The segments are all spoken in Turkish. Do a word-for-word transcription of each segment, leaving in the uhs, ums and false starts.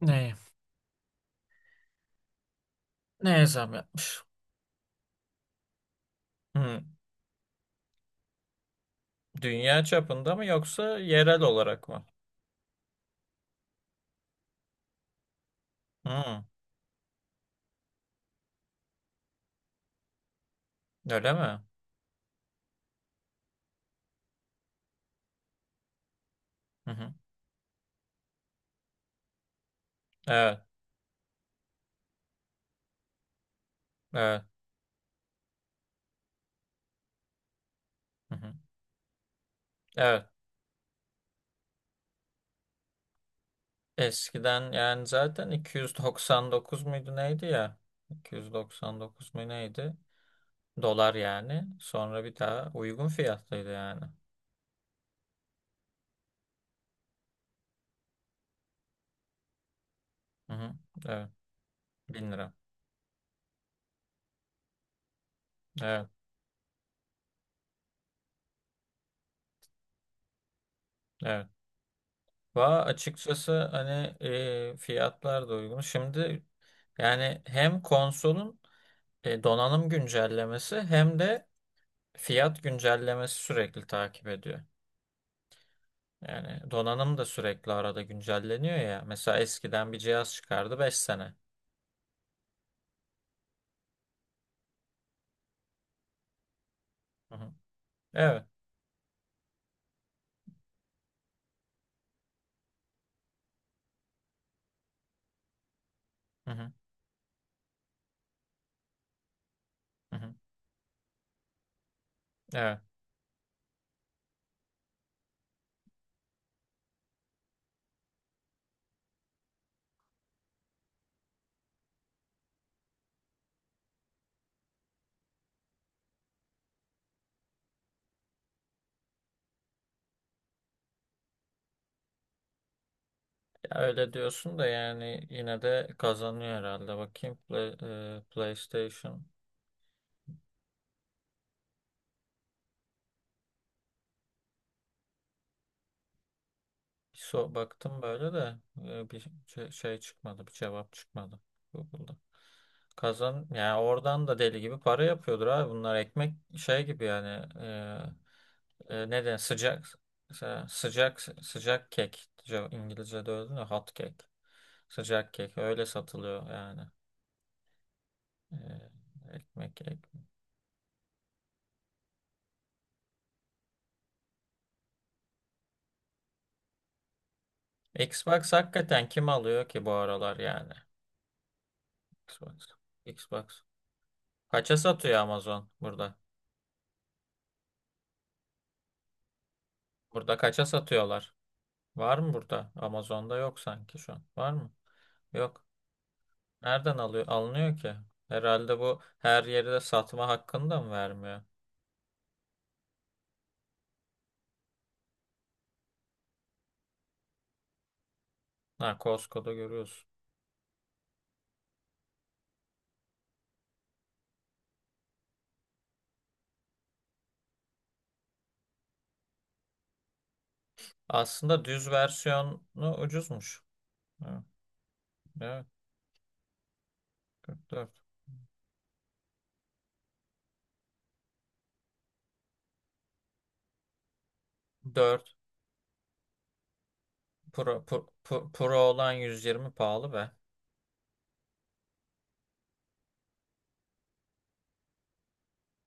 Neye? Neye zam yapmış? Hı. Dünya çapında mı yoksa yerel olarak mı? Hı. Öyle mi? Hı hı. Evet. Evet. Hı hı. Evet. Eskiden yani zaten iki yüz doksan dokuz muydu neydi ya? iki yüz doksan dokuz mu neydi? Dolar yani. Sonra bir daha uygun fiyatlıydı yani. Hı hı. Evet. Bin lira. Evet. Evet. Va açıkçası hani e, fiyatlar da uygun. Şimdi yani hem konsolun e, donanım güncellemesi hem de fiyat güncellemesi sürekli takip ediyor. Yani donanım da sürekli arada güncelleniyor ya. Mesela eskiden bir cihaz çıkardı beş sene. Hı hı. Evet. Hı hı. Hı hı. Evet. Ya öyle diyorsun da yani yine de kazanıyor herhalde. Bakayım Play- e, PlayStation. So baktım böyle de e, bir şey şey çıkmadı, bir cevap çıkmadı Google'da. Kazan yani oradan da deli gibi para yapıyordur abi. Bunlar ekmek şey gibi yani e, e, ne denir sıcak mesela sıcak sıcak kek Ce- İngilizce'de öyle değil mi? Hot cake. Sıcak kek öyle satılıyor yani. E, ekmek, ekmek. Xbox hakikaten kim alıyor ki bu aralar yani? Xbox. Xbox. Kaça satıyor Amazon burada? Burada kaça satıyorlar? Var mı burada? Amazon'da yok sanki şu an. Var mı? Yok. Nereden alıyor, alınıyor ki? Herhalde bu her yerde satma hakkını da mı vermiyor? Ha, Costco'da görüyoruz. Aslında düz versiyonu ucuzmuş. Ha, evet, kırk dört. 4 Pro, Pro, Pro, Pro olan yüz yirmi pahalı be.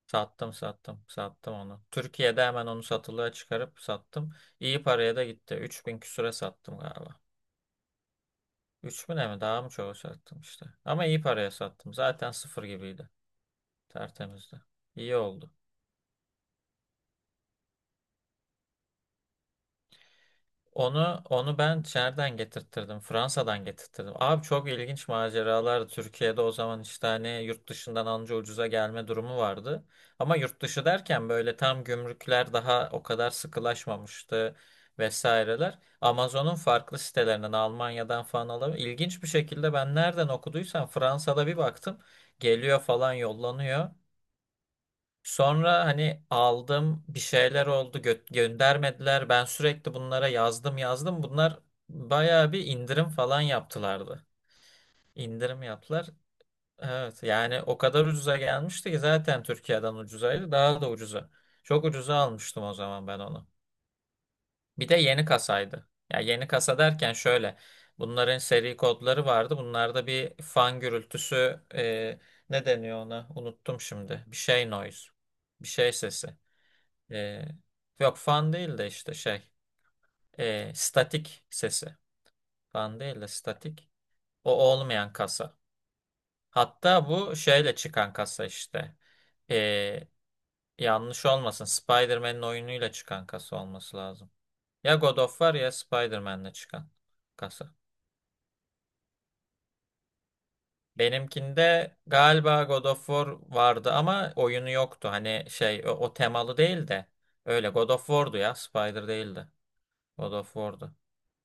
Sattım sattım sattım onu. Türkiye'de hemen onu satılığa çıkarıp sattım. İyi paraya da gitti. üç bin küsüre sattım galiba. üç bine mi daha mı çok sattım işte. Ama iyi paraya sattım. Zaten sıfır gibiydi. Tertemizdi. İyi oldu. Onu onu ben nereden getirttirdim? Fransa'dan getirttirdim. Abi çok ilginç maceralar. Türkiye'de o zaman işte hani yurt dışından anca ucuza gelme durumu vardı. Ama yurt dışı derken böyle tam gümrükler daha o kadar sıkılaşmamıştı vesaireler. Amazon'un farklı sitelerinden Almanya'dan falan alıp ilginç bir şekilde ben nereden okuduysam Fransa'da bir baktım. Geliyor falan yollanıyor. Sonra hani aldım bir şeyler oldu gö- göndermediler. Ben sürekli bunlara yazdım yazdım. Bunlar bayağı bir indirim falan yaptılardı. İndirim yaptılar. Evet yani o kadar ucuza gelmişti ki zaten Türkiye'den ucuzaydı daha da ucuza. Çok ucuza almıştım o zaman ben onu. Bir de yeni kasaydı. Ya yeni kasa derken şöyle bunların seri kodları vardı. Bunlarda bir fan gürültüsü e, ne deniyor ona? Unuttum şimdi. Bir şey noise. Bir şey sesi. E, Yok fan değil de işte şey. E, statik sesi. Fan değil de statik. O olmayan kasa. Hatta bu şeyle çıkan kasa işte. E, Yanlış olmasın. Spider-Man'in oyunuyla çıkan kasa olması lazım. Ya God of War ya Spider-Man'le çıkan kasa. Benimkinde galiba God of War vardı ama oyunu yoktu. Hani şey o, o temalı değil de öyle God of War'du ya Spider değildi. God of War'du.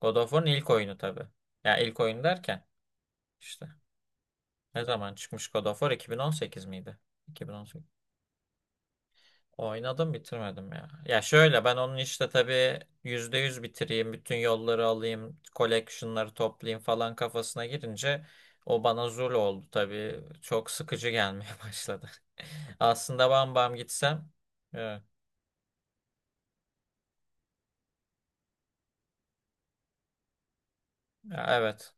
God of War'un ilk oyunu tabii. Ya ilk oyun derken işte ne zaman çıkmış God of War iki bin on sekiz miydi? iki bin on sekiz. Oynadım bitirmedim ya. Ya şöyle ben onun işte tabii yüzde yüz bitireyim, bütün yolları alayım, collection'ları toplayayım falan kafasına girince o bana zul oldu tabii. Çok sıkıcı gelmeye başladı. Aslında bam bam gitsem. Evet. Ya evet.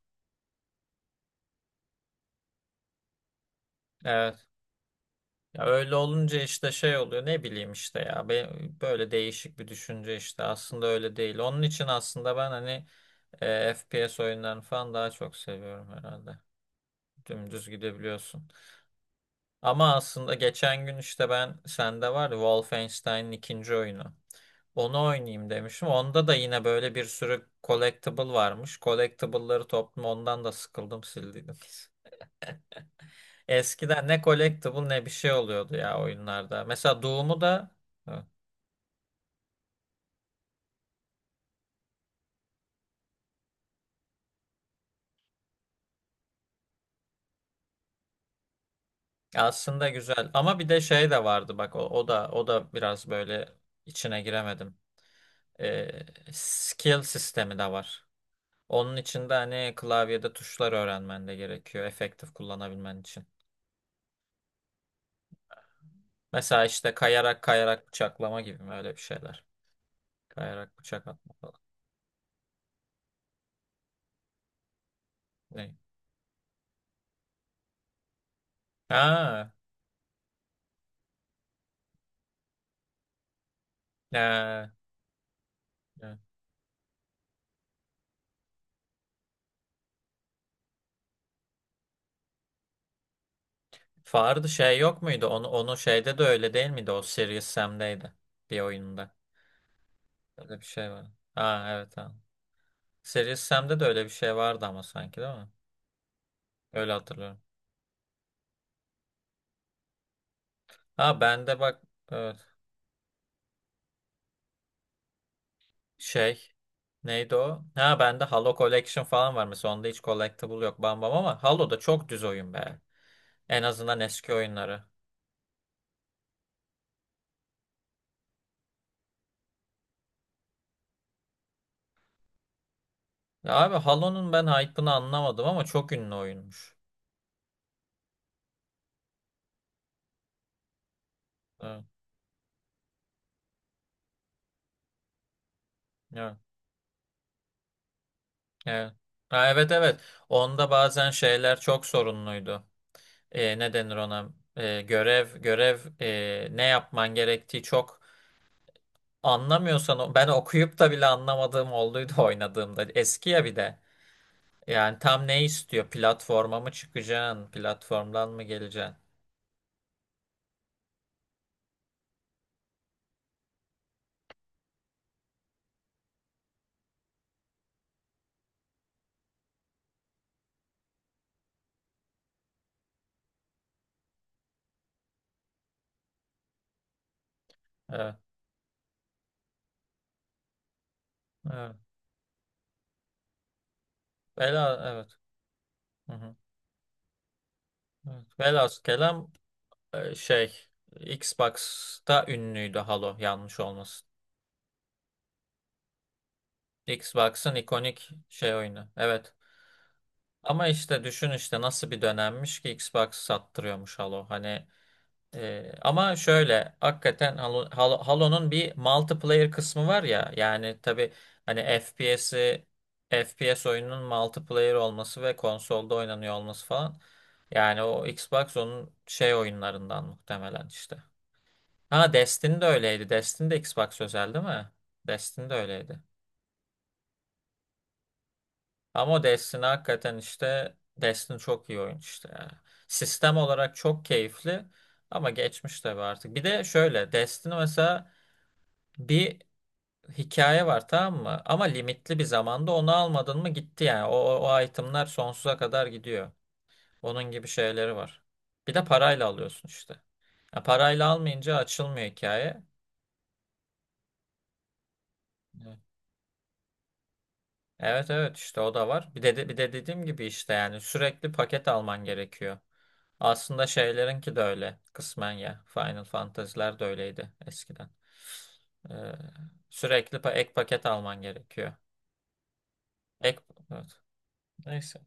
Evet. Ya öyle olunca işte şey oluyor ne bileyim işte ya be- böyle değişik bir düşünce işte aslında öyle değil. Onun için aslında ben hani e, F P S oyunlarını falan daha çok seviyorum herhalde. Dümdüz gidebiliyorsun. Ama aslında geçen gün işte ben sende var ya Wolfenstein'in ikinci oyunu. Onu oynayayım demişim. Onda da yine böyle bir sürü collectible varmış. Collectible'ları toplum ondan da sıkıldım sildiydim. Eskiden ne collectible ne bir şey oluyordu ya oyunlarda. Mesela Doom'u da aslında güzel ama bir de şey de vardı bak o, o da o da biraz böyle içine giremedim. Ee, Skill sistemi de var. Onun için de hani klavyede tuşlar öğrenmen de gerekiyor efektif kullanabilmen için. Mesela işte kayarak kayarak bıçaklama gibi mi öyle bir şeyler. Kayarak bıçak atma falan. Ne? Ha, ee, e. Fardı şey yok muydu? Onu onu şeyde de öyle değil miydi? O Serious Sam'deydi bir oyunda. Öyle bir şey var. Ha evet ha. Series Sam'de de öyle bir şey vardı ama sanki değil mi? Öyle hatırlıyorum. Ha bende bak evet, şey neydi o? Ha bende Halo Collection falan var mesela onda hiç collectible yok bam bam ama Halo'da çok düz oyun be. En azından eski oyunları. Ya abi Halo'nun ben hype'ını anlamadım ama çok ünlü oyunmuş. Evet. Evet. Evet. Ha, evet, evet. Onda bazen şeyler çok sorunluydu. Ee, ne denir ona? Ee, görev görev ee, ne yapman gerektiği çok. Anlamıyorsan o- ben okuyup da bile anlamadığım olduydu oynadığımda. Eski ya bir de. Yani tam ne istiyor? Platforma mı çıkacaksın? Platformdan mı geleceksin? Evet. Evet. Vela, evet. Hı hı. Evet. Velhasıl kelam e, şey Xbox'ta ünlüydü Halo yanlış olmasın. Xbox'ın ikonik şey oyunu. Evet. Ama işte düşün işte nasıl bir dönemmiş ki Xbox sattırıyormuş Halo. Hani. Ee, ama şöyle hakikaten Halo- Halo- Halo'nun bir multiplayer kısmı var ya yani tabii hani F P S'yi F P S oyununun multiplayer olması ve konsolda oynanıyor olması falan yani o Xbox onun şey oyunlarından muhtemelen işte. Ha Destiny de öyleydi. Destiny de Xbox özel değil mi? Destiny de öyleydi. Ama o Destiny hakikaten işte Destiny çok iyi oyun işte ya. Sistem olarak çok keyifli ama geçmiş tabii artık. Bir de şöyle Destiny mesela bir hikaye var tamam mı? Ama limitli bir zamanda onu almadın mı gitti yani. O, o, o itemler sonsuza kadar gidiyor. Onun gibi şeyleri var. Bir de parayla alıyorsun işte. Ya parayla almayınca açılmıyor hikaye. Evet, evet, evet, işte o da var. Bir de, bir de dediğim gibi işte yani sürekli paket alman gerekiyor. Aslında şeylerinki de öyle kısmen ya. Final Fantasy'ler de öyleydi eskiden. Ee, Sürekli pa- ek paket alman gerekiyor. Ek evet. Neyse.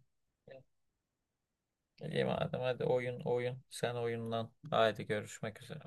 İyi madem hadi oyun oyun. Sen oyunlan. Haydi görüşmek üzere.